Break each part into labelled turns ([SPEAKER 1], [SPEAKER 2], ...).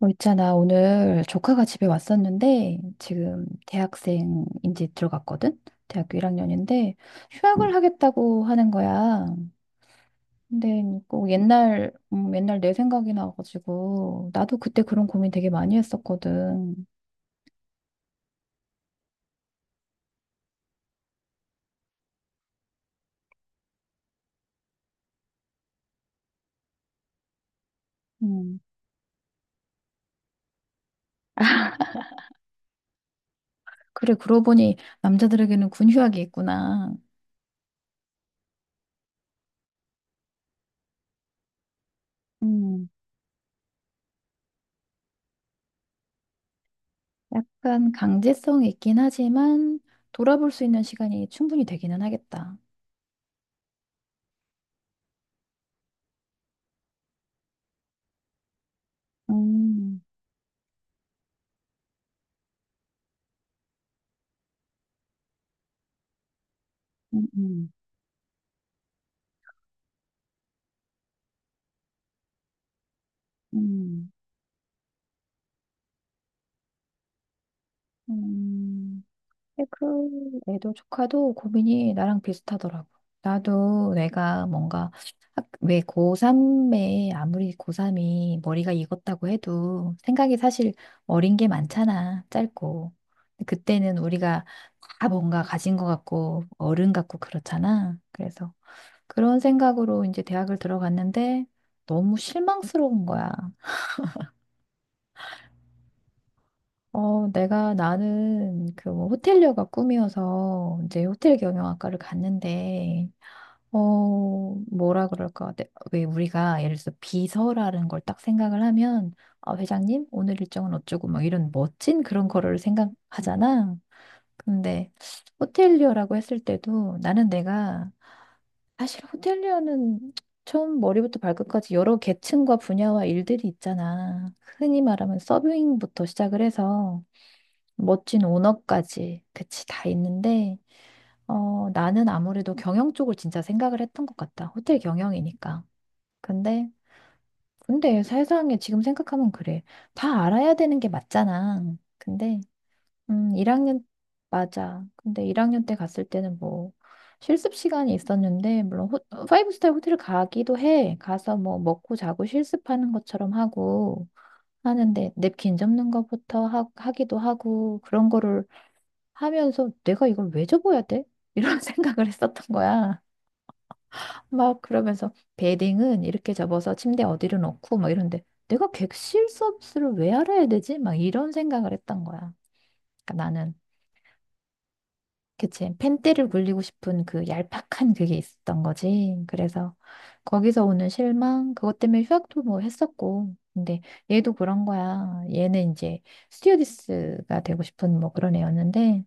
[SPEAKER 1] 있잖아. 오늘 조카가 집에 왔었는데, 지금 대학생 이제 들어갔거든? 대학교 1학년인데, 휴학을 하겠다고 하는 거야. 근데 꼭 옛날 내 생각이 나가지고, 나도 그때 그런 고민 되게 많이 했었거든. 음. 그래, 그러고 보니 남자들에게는 군 휴학이 있구나. 음. 약간 강제성이 있긴 하지만, 돌아볼 수 있는 시간이 충분히 되기는 하겠다. 음, 음, 음. 음. 음, 근데 그 애도 조카도 고민이 나랑 비슷하더라고. 나도 내가 뭔가 왜 고3에 아무리 고3이 머리가 익었다고 해도 생각이 사실 어린 게 많잖아. 짧고. 근데 그때는 우리가 다 뭔가 가진 것 같고 어른 같고 그렇잖아. 그래서 그런 생각으로 이제 대학을 들어갔는데 너무 실망스러운 거야. 내가 나는 그 뭐 호텔리어가 꿈이어서 이제 호텔 경영학과를 갔는데, 뭐라 그럴까? 왜 우리가 예를 들어서 비서라는 걸 딱 생각을 하면, 아, 회장님, 오늘 일정은 어쩌고 막 이런 멋진 그런 거를 생각하잖아. 근데 호텔리어라고 했을 때도 나는 내가 사실 호텔리어는 처음 머리부터 발끝까지 여러 계층과 분야와 일들이 있잖아. 흔히 말하면 서빙부터 시작을 해서 멋진 오너까지, 그치, 다 있는데, 나는 아무래도 경영 쪽을 진짜 생각을 했던 것 같다. 호텔 경영이니까. 근데, 근데 세상에 지금 생각하면 그래. 다 알아야 되는 게 맞잖아. 근데, 1학년, 맞아. 근데 1학년 때 갔을 때는 뭐, 실습 시간이 있었는데, 물론, 파이브 스타 호텔을 가기도 해. 가서 뭐, 먹고 자고 실습하는 것처럼 하고, 하는데, 냅킨 접는 것부터 하기도 하고, 그런 거를 하면서 내가 이걸 왜 접어야 돼? 이런 생각을 했었던 거야. 막 그러면서 베딩은 이렇게 접어서 침대 어디로 놓고 막 이런데 내가 객실 서비스를 왜 알아야 되지? 막 이런 생각을 했던 거야. 그러니까 나는 그치 펜대를 굴리고 싶은 그 얄팍한 그게 있었던 거지. 그래서 거기서 오는 실망 그것 때문에 휴학도 뭐 했었고 근데 얘도 그런 거야. 얘는 이제 스튜어디스가 되고 싶은 뭐 그런 애였는데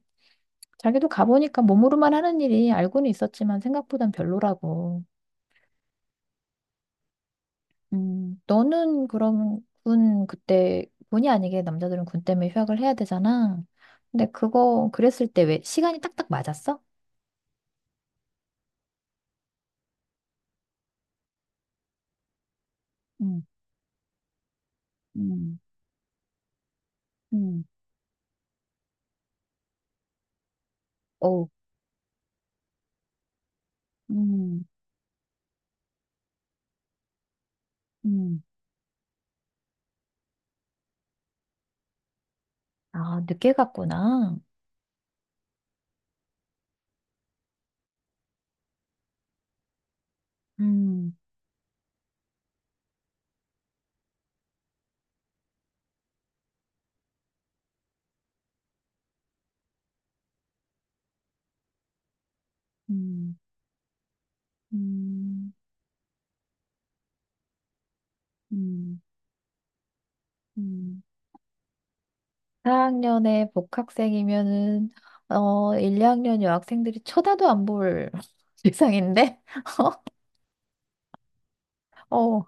[SPEAKER 1] 자기도 가보니까 몸으로만 하는 일이 알고는 있었지만 생각보단 별로라고. 너는 그럼 군 그때 군이 아니게 남자들은 군 때문에 휴학을 해야 되잖아. 근데 그거 그랬을 때 왜 시간이 딱딱 맞았어? 음, 음, 음, 어, 음, 음, 아, 늦게 갔구나. 음, 음, 음, 음, 음. 4학년에 복학생이면은 1, 2학년 여학생들이 쳐다도 안 볼 세상인데 어,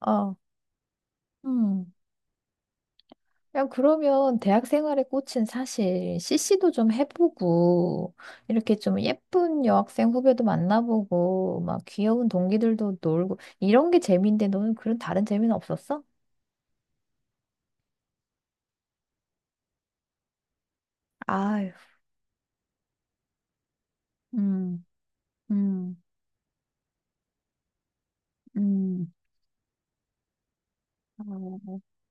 [SPEAKER 1] 어, 음. 그냥 그러면 대학 생활의 꽃은 사실 CC도 좀 해보고 이렇게 좀 예쁜 여학생 후배도 만나보고 막 귀여운 동기들도 놀고 이런 게 재미인데 너는 그런 다른 재미는 없었어? 아유, 음, 음, 음. 어,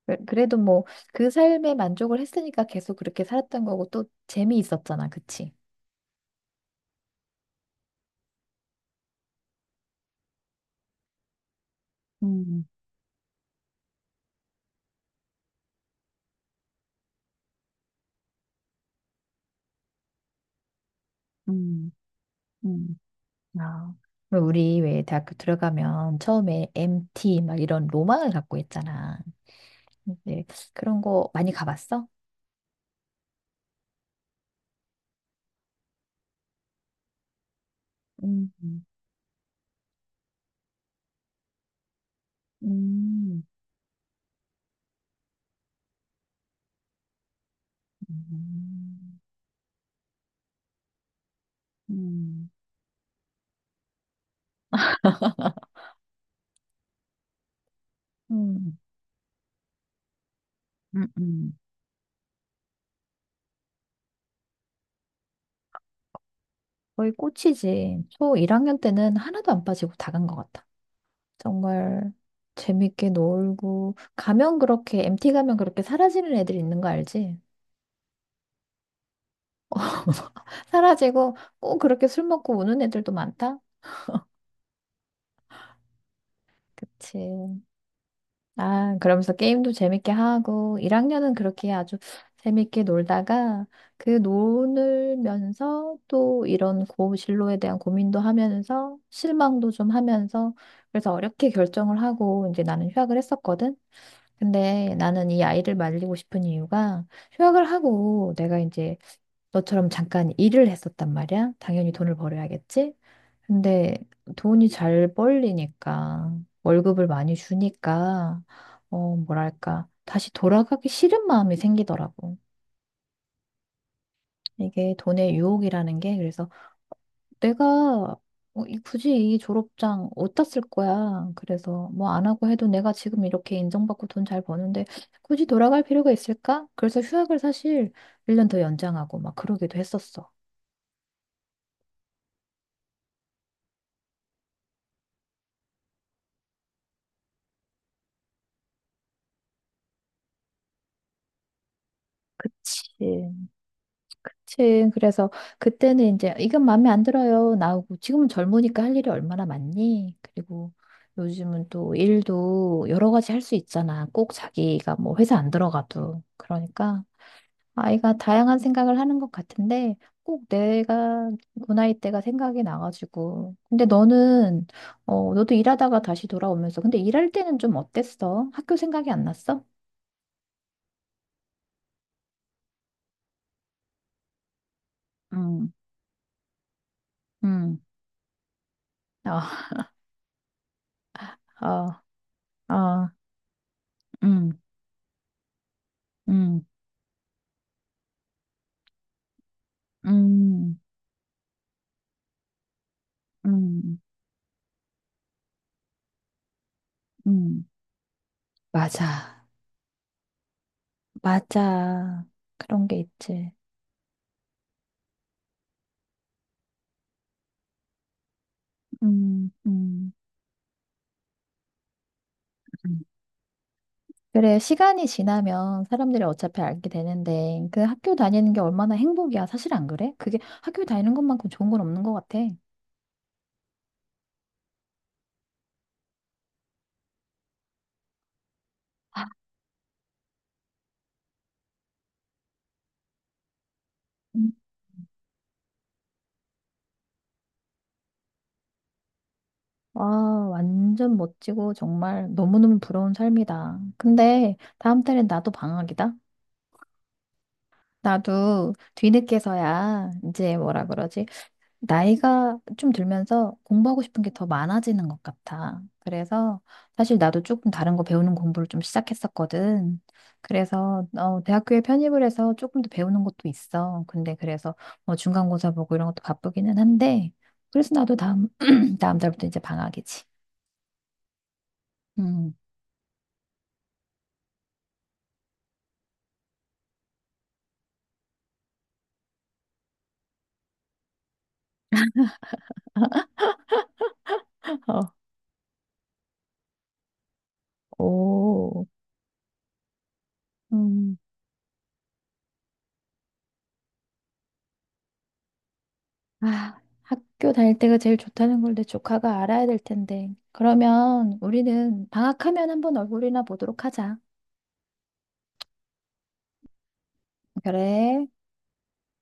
[SPEAKER 1] 그래도 뭐 그 삶에 만족을 했으니까 계속 그렇게 살았던 거고 또 재미있었잖아, 그치? 음, 음, 음. 아. 왜 우리 왜 대학교 들어가면 처음에 MT 막 이런 로망을 갖고 있잖아. 근데 그런 거 많이 가봤어? 음, 음, 음, 음, 음. 음, 음. 거의 꽃이지. 초 1학년 때는 하나도 안 빠지고 다 간 것 같아. 정말 재밌게 놀고 가면 그렇게 MT 가면 그렇게 사라지는 애들 있는 거 알지? 사라지고 꼭 그렇게 술 먹고 우는 애들도 많다. 그치. 아, 그러면서 게임도 재밌게 하고 1학년은 그렇게 아주 재밌게 놀다가 그 놀면서 또 이런 고진로에 대한 고민도 하면서 실망도 좀 하면서 그래서 어렵게 결정을 하고 이제 나는 휴학을 했었거든. 근데 나는 이 아이를 말리고 싶은 이유가 휴학을 하고 내가 이제 너처럼 잠깐 일을 했었단 말이야. 당연히 돈을 벌어야겠지. 근데 돈이 잘 벌리니까 월급을 많이 주니까 뭐랄까 다시 돌아가기 싫은 마음이 생기더라고. 이게 돈의 유혹이라는 게 그래서 내가 굳이 이 졸업장 어디다 쓸 거야. 그래서 뭐 안 하고 해도 내가 지금 이렇게 인정받고 돈 잘 버는데 굳이 돌아갈 필요가 있을까? 그래서 휴학을 사실 1년 더 연장하고 막 그러기도 했었어. 그치. 그치. 그래서 그때는 이제 이건 마음에 안 들어요. 나오고 지금은 젊으니까 할 일이 얼마나 많니? 그리고 요즘은 또 일도 여러 가지 할 수 있잖아. 꼭 자기가 뭐 회사 안 들어가도. 그러니까 아이가 다양한 생각을 하는 것 같은데 꼭 내가 그 나이 때가 생각이 나가지고. 근데 너는 너도 일하다가 다시 돌아오면서 근데 일할 때는 좀 어땠어? 학교 생각이 안 났어? 음, 음, 아, 아, 아, 음, 음, 음, 음, 음. 맞아. 맞아. 그런 게 있지. 음, 음. 그래, 시간이 지나면 사람들이 어차피 알게 되는데, 그 학교 다니는 게 얼마나 행복이야. 사실 안 그래? 그게 학교 다니는 것만큼 좋은 건 없는 것 같아. 아, 음. 와, 완전 멋지고 정말 너무너무 부러운 삶이다. 근데 다음 달엔 나도 방학이다. 나도 뒤늦게서야 이제 뭐라 그러지? 나이가 좀 들면서 공부하고 싶은 게 더 많아지는 것 같아. 그래서 사실 나도 조금 다른 거 배우는 공부를 좀 시작했었거든. 그래서 대학교에 편입을 해서 조금 더 배우는 것도 있어. 근데 그래서 뭐 중간고사 보고 이런 것도 바쁘기는 한데 그래서 나도 다음 다음 달부터 이제 방학이지. 음. 어, 오. 음. 아, 학교 다닐 때가 제일 좋다는 걸 내 조카가 알아야 될 텐데. 그러면 우리는 방학하면 한번 얼굴이나 보도록 하자. 그래.